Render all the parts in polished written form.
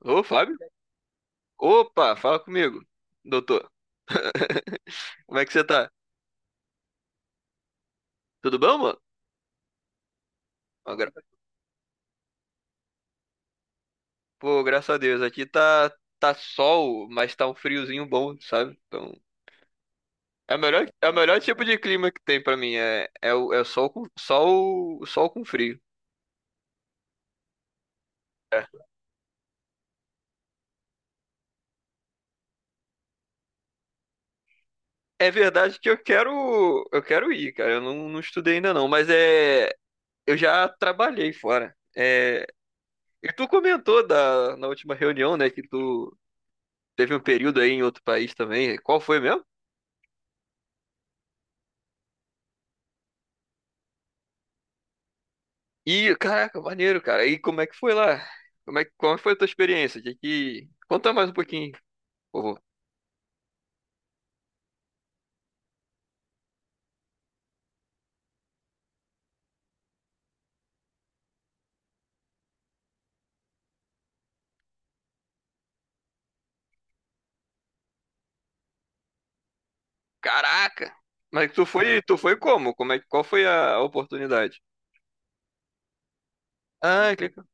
Ô, Fábio? Opa, fala comigo, doutor. Como é que você tá? Tudo bom, mano? Ó, gra- Pô, graças a Deus, aqui tá sol, mas tá um friozinho bom, sabe? Então, é o melhor tipo de clima que tem pra mim, é o sol com frio. É. É verdade que eu quero, ir, cara, eu não estudei ainda não, mas é, eu já trabalhei fora. É, e tu comentou na última reunião, né, que tu teve um período aí em outro país também. Qual foi mesmo? Ih, caraca, maneiro, cara. E como é que foi lá? Como foi a tua experiência? Conta mais um pouquinho, por favor. Caraca! Mas tu foi como? Qual foi a oportunidade? Ah, que legal.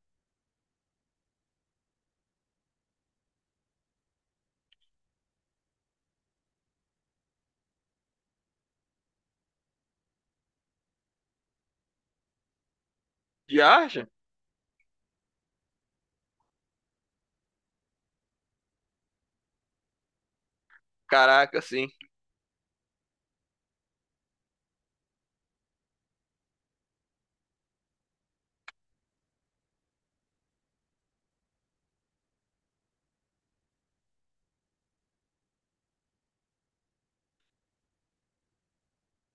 De arte? Caraca, sim.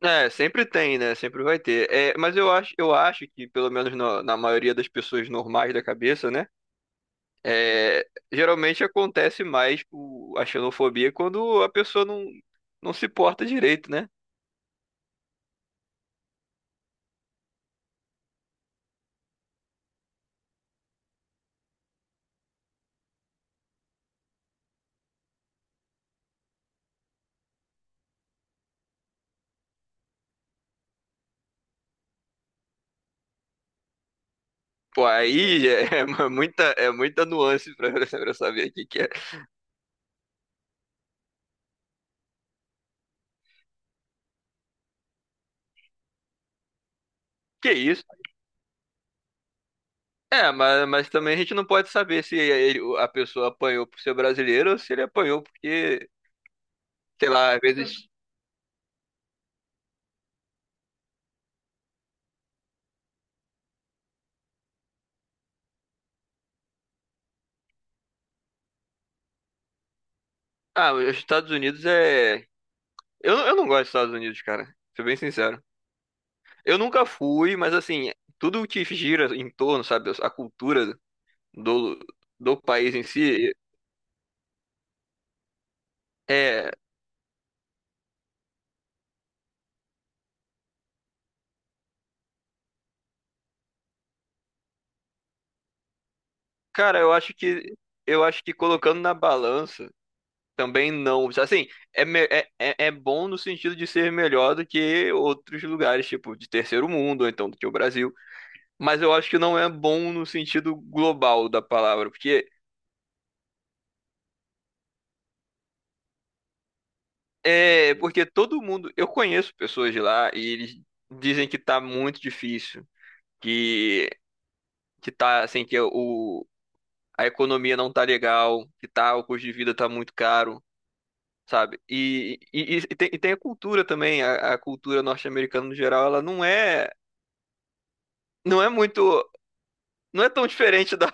É, sempre tem, né? Sempre vai ter. É, mas eu acho, que, pelo menos na maioria das pessoas normais da cabeça, né? É, geralmente acontece a xenofobia quando a pessoa não se porta direito, né? Pô, aí é, muita nuance pra, pra saber o que, que é. Que isso? É, mas também a gente não pode saber se ele- a pessoa apanhou por ser brasileiro ou se ele apanhou porque, sei lá, às vezes. Ah, os Estados Unidos é. Eu não gosto dos Estados Unidos, cara. Ser bem sincero. Eu nunca fui, mas assim, tudo que gira em torno, sabe? A cultura. do, do país em si, é, cara, eu acho que colocando na balança também não, assim, é bom no sentido de ser melhor do que outros lugares, tipo, de terceiro mundo, ou então do que o Brasil, mas eu acho que não é bom no sentido global da palavra, porque todo mundo, eu conheço pessoas de lá e eles dizem que tá muito difícil, que que tá assim que o a economia não tá legal, que tá, o custo de vida tá muito caro. Sabe? E tem a cultura também, a cultura norte-americana no geral, ela não é muito, não é tão diferente.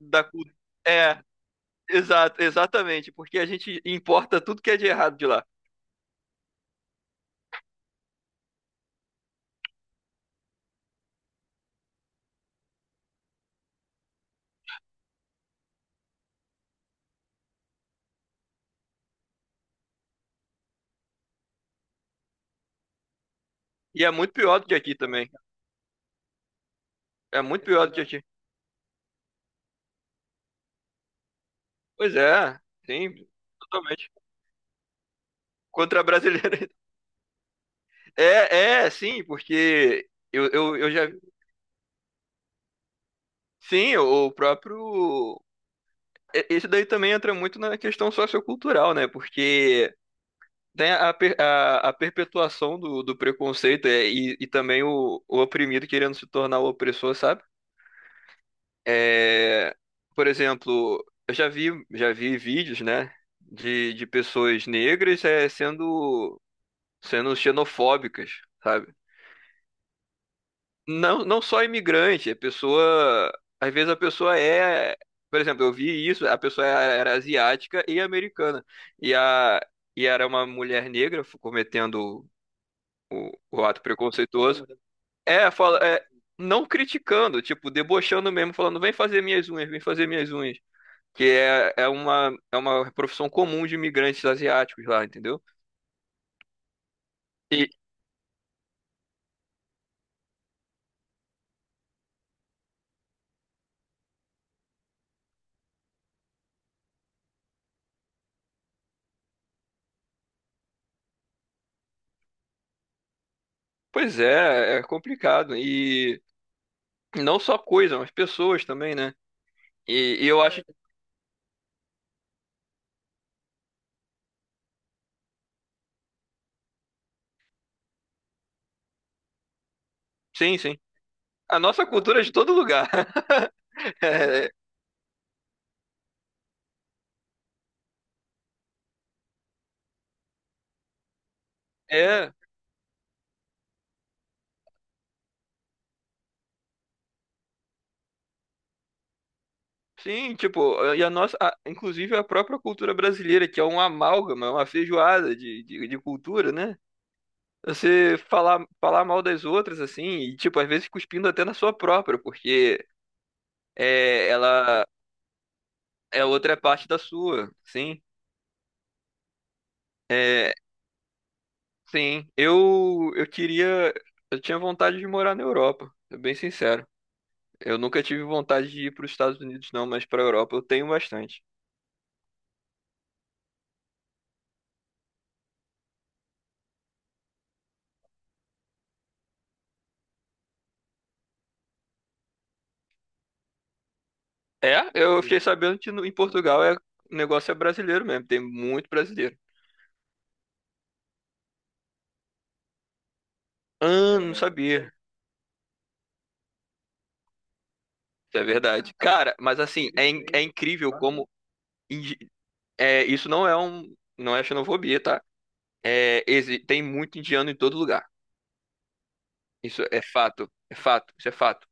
da, cu- é, Exato, exatamente, porque a gente importa tudo que é de errado de lá. E é muito pior do que aqui também. É muito pior do que aqui. Pois é, sim, totalmente. Contra a brasileira. Sim, porque eu já. Sim, o próprio. Isso daí também entra muito na questão sociocultural, né? Porque tem a perpetuação do preconceito e também o oprimido querendo se tornar o opressor, sabe? É, por exemplo, eu já vi vídeos, né, de pessoas negras sendo xenofóbicas, sabe? Não, não só imigrante, a pessoa. Às vezes a pessoa é. Por exemplo, eu vi isso, a pessoa era asiática e americana. E, a, e era uma mulher negra cometendo o ato preconceituoso. É, fala, é, não criticando, tipo, debochando mesmo, falando, vem fazer minhas unhas, vem fazer minhas unhas. Que é uma profissão comum de imigrantes asiáticos lá, entendeu? E, pois é, é complicado. E não só coisa, mas pessoas também, né? E eu acho, sim, sim. A nossa cultura é de todo lugar. É, é, sim, tipo, inclusive a própria cultura brasileira, que é um amálgama, é uma feijoada de cultura, né? Você falar mal das outras, assim, e, tipo, às vezes cuspindo até na sua própria, porque ela é outra parte da sua, sim. É, sim, eu tinha vontade de morar na Europa, sou bem sincero. Eu nunca tive vontade de ir para os Estados Unidos, não, mas para a Europa eu tenho bastante. É, eu fiquei sabendo que em Portugal, o negócio é brasileiro mesmo, tem muito brasileiro. Ah, não sabia. Isso é verdade. Cara, mas assim, é incrível como. É, isso não é xenofobia, tá? É, tem muito indiano em todo lugar. Isso é fato, isso é fato.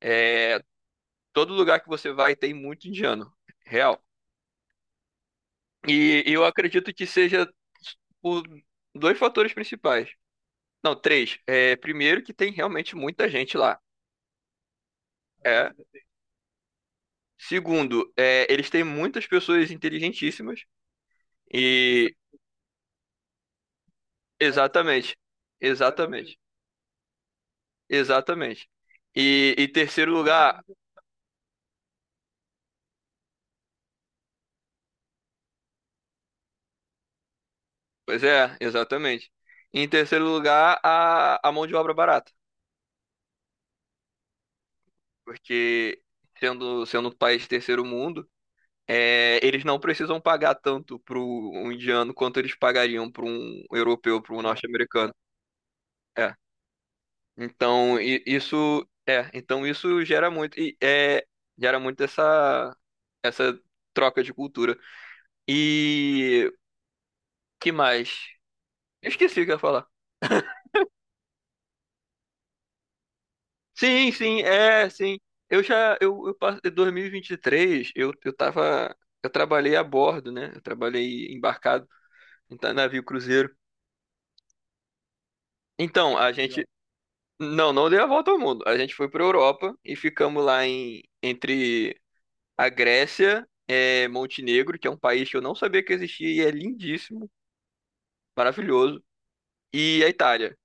É, todo lugar que você vai tem muito indiano, real. E eu acredito que seja por dois fatores principais. Não, três. É, primeiro, que tem realmente muita gente lá. É. Segundo, é, eles têm muitas pessoas inteligentíssimas. E. Exatamente. Exatamente. Exatamente. E terceiro lugar, pois é, exatamente. Em terceiro lugar, a mão de obra barata, porque sendo um país de terceiro mundo, é, eles não precisam pagar tanto para um indiano quanto eles pagariam para um europeu, para um norte-americano. É. Então isso gera muito gera muito essa essa troca de cultura. E que mais? Eu esqueci o que eu ia falar. Sim, sim, é, sim. Eu passei 2023, eu trabalhei a bordo, né? Eu trabalhei embarcado em navio cruzeiro. Então, a gente, não, não deu a volta ao mundo. A gente foi pra Europa e ficamos lá entre a Grécia, Montenegro, que é um país que eu não sabia que existia e é lindíssimo, maravilhoso, e a Itália,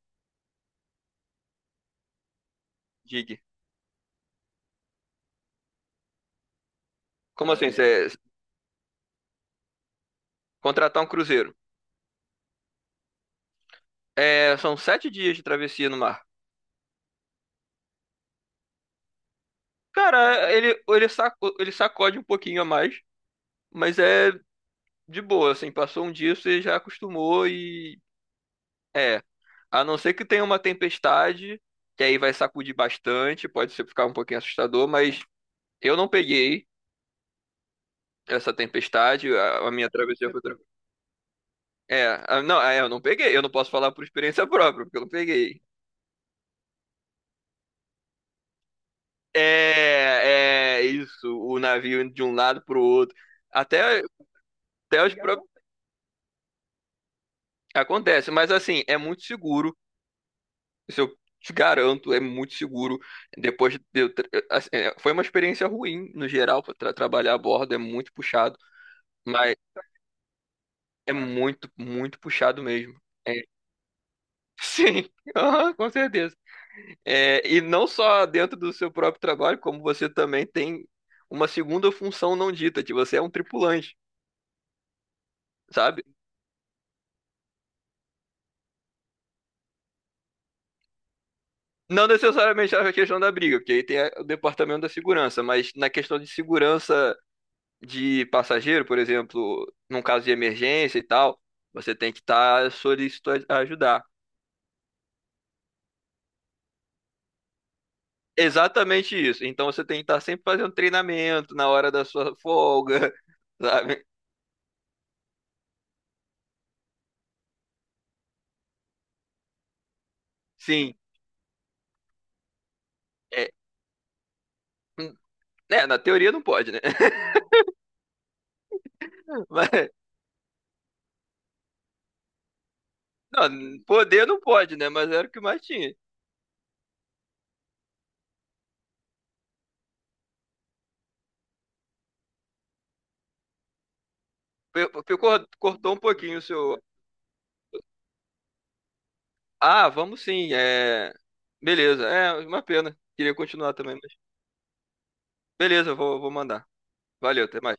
diga. Como assim? Caramba. Você contratar um cruzeiro? É, são 7 dias de travessia no mar. Cara, ele sacode um pouquinho a mais, mas é de boa, assim, passou um dia, você já acostumou e é. A não ser que tenha uma tempestade, que aí vai sacudir bastante, pode ser ficar um pouquinho assustador, mas eu não peguei essa tempestade, a minha travessia foi tranquila. É, não, eu não peguei, eu não posso falar por experiência própria, porque eu não peguei. É isso, o navio indo de um lado pro outro. Até, até os próprios. Acontece, mas assim, é muito seguro. Isso eu te garanto, é muito seguro. Depois de eu foi uma experiência ruim no geral para trabalhar a bordo, é muito puxado, mas é muito, muito puxado mesmo. É, sim, aham, com certeza. É, e não só dentro do seu próprio trabalho, como você também tem uma segunda função não dita, que você é um tripulante. Sabe? Não necessariamente a questão da briga, porque aí tem o departamento da segurança, mas na questão de segurança de passageiro, por exemplo, num caso de emergência e tal, você tem que estar solícito a ajudar. Exatamente isso. Então você tem que estar sempre fazendo treinamento na hora da sua folga, sabe? Sim, é, na teoria não pode, né? Mas, não, poder não pode, né? Mas era o que mais tinha. Cortou um pouquinho o seu. Ah, vamos sim, é. Beleza, é uma pena. Queria continuar também, mas beleza, eu vou mandar. Valeu, até mais.